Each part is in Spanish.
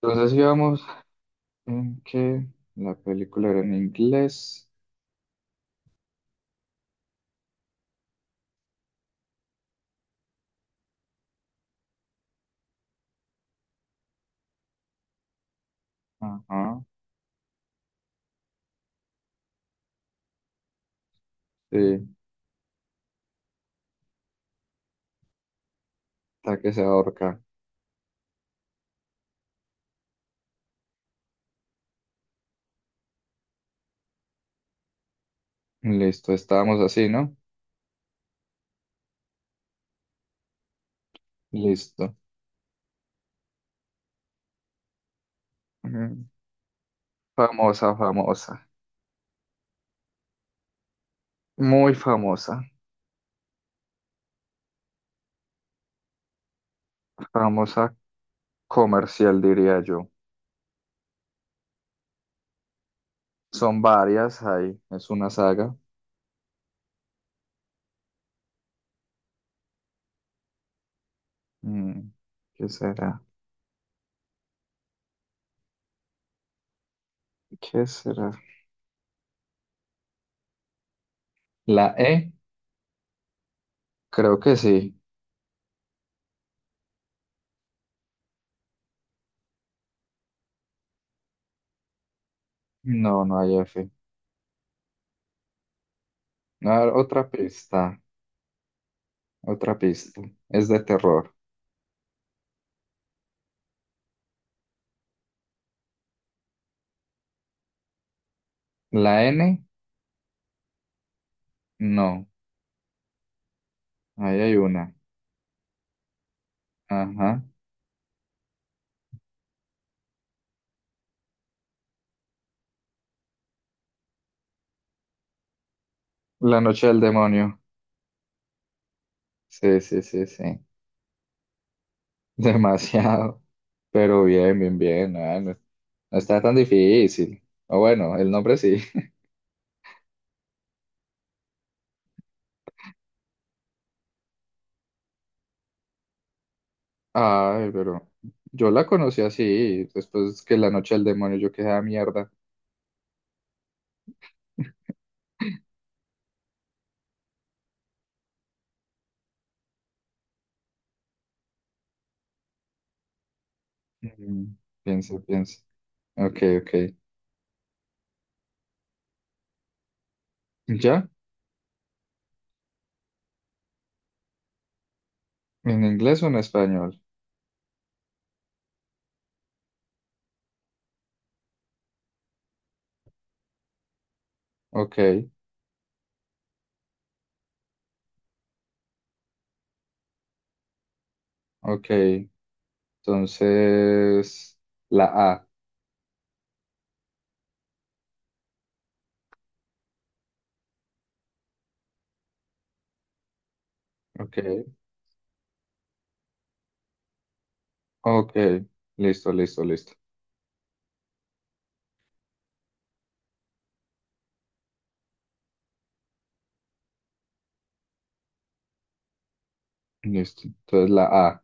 Entonces íbamos en que la película era en inglés. Ajá. Sí, hasta que se ahorca. Listo, estábamos así, ¿no? Listo. Ujú. Famosa, famosa. Muy famosa. Famosa comercial, diría yo. Son varias ahí. Es una saga. Mm, ¿Qué será? ¿Qué será? ¿La E? Creo que sí. No, no hay F. No, otra pista. Otra pista. Es de terror. ¿La N? No. Ahí hay una. Ajá. La noche del demonio. Sí, sí, sí, sí. Demasiado. Pero bien, bien, bien. Ah, no, no está tan difícil. O bueno, el nombre sí. Ay, pero yo la conocí así. Después que la noche del demonio yo quedé a mierda. Mm. Piensa, piensa. Ok, ok. ¿Ya? ¿En inglés o en español? Ok, ok. Entonces, la A. Ok, ok. Listo, listo, listo. Listo. Entonces la A.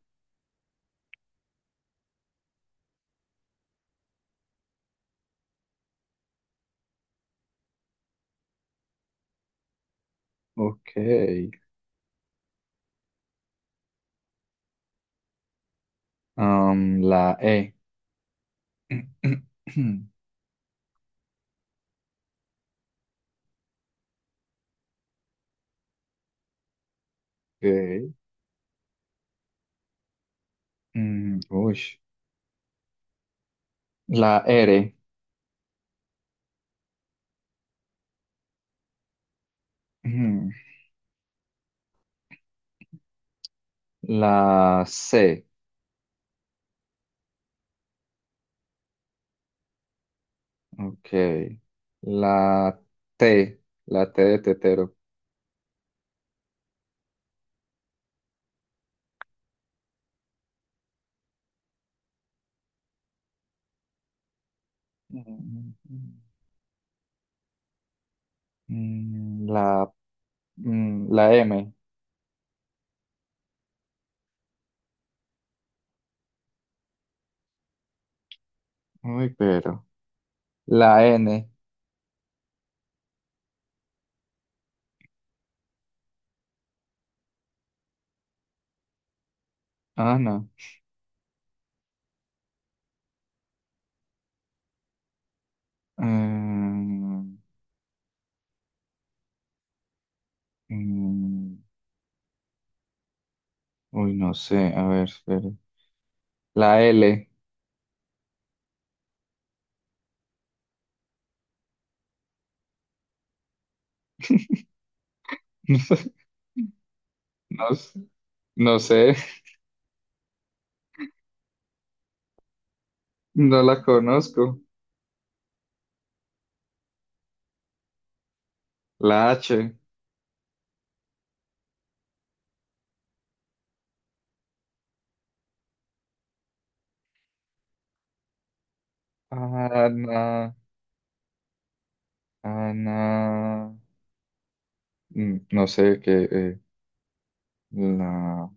Ok. La E. Ok. Mm, uy. La R. Ujú. La C. Ok. La T. La T de tetero. Mm, mm, la, la M. Uy, pero. La N. Ah, no. Eh, Mm, mm, Uy, no sé. A ver, espera. La L. No sé, no, s- no sé, no la conozco. La H. Ana, Ana, mm, no sé qué. La,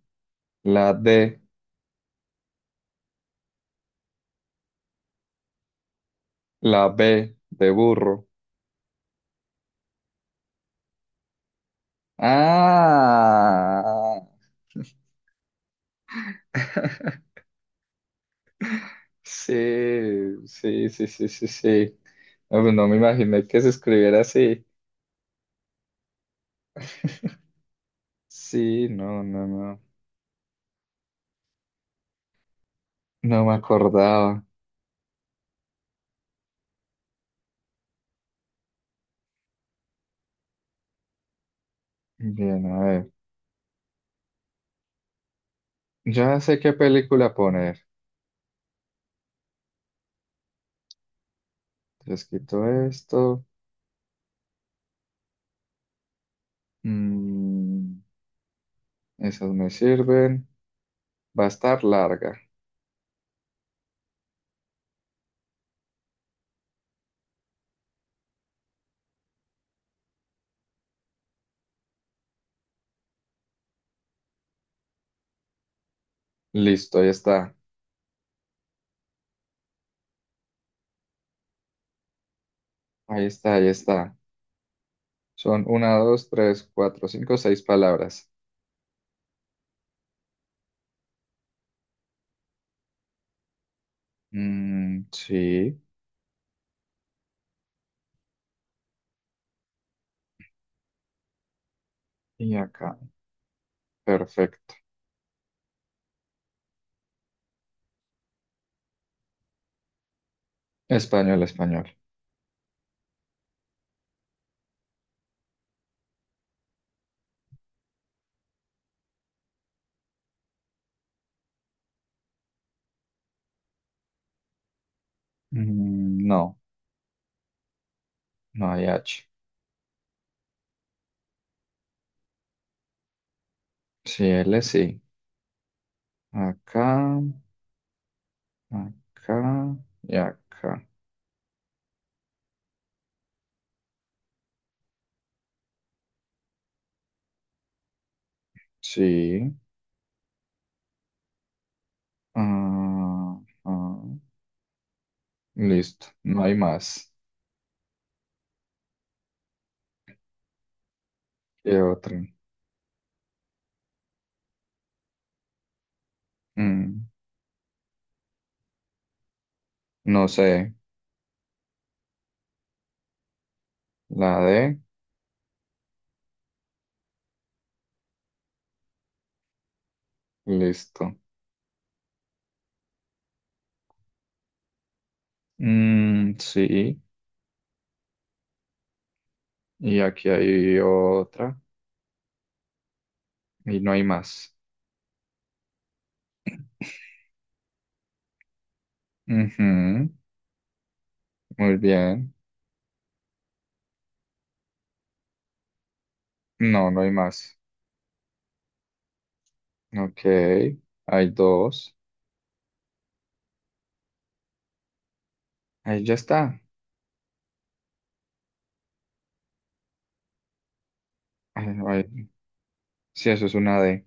la D, la B de burro. Ah. Sí, sí, sí, sí, sí, sí. No, pues no me imaginé que se escribiera así. Sí, no, no, no. No me acordaba. Bien, a ver. Ya sé qué película poner. Les quito esto. Mm, esas me sirven. Va a estar larga. Listo, ahí está. Ahí está, ahí está. Son una, dos, tres, cuatro, cinco, seis palabras. Mm, sí. Y acá. Perfecto. Español, español. Mm, no, no hay H. Sí, L sí. Acá, acá y acá. Sí. Ah, ah. Listo, no hay más. ¿Qué otra? Mm, no sé, la D, listo. Mm, sí, y aquí hay otra, y no hay más. Ujú, muy bien. No, no hay más. Ok, hay dos. Ahí ya está. Ay, ay. Sí, eso es una D.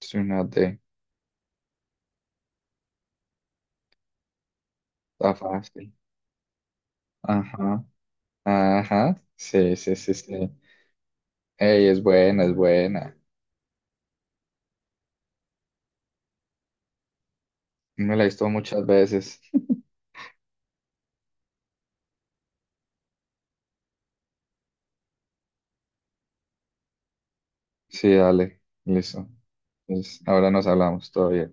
Es una D. Está fácil. Ajá, ajá. Sí, sí, sí, sí. Ey, es buena, es buena. Me la he visto muchas veces. Sí, dale, listo. Entonces, ahora nos hablamos todavía.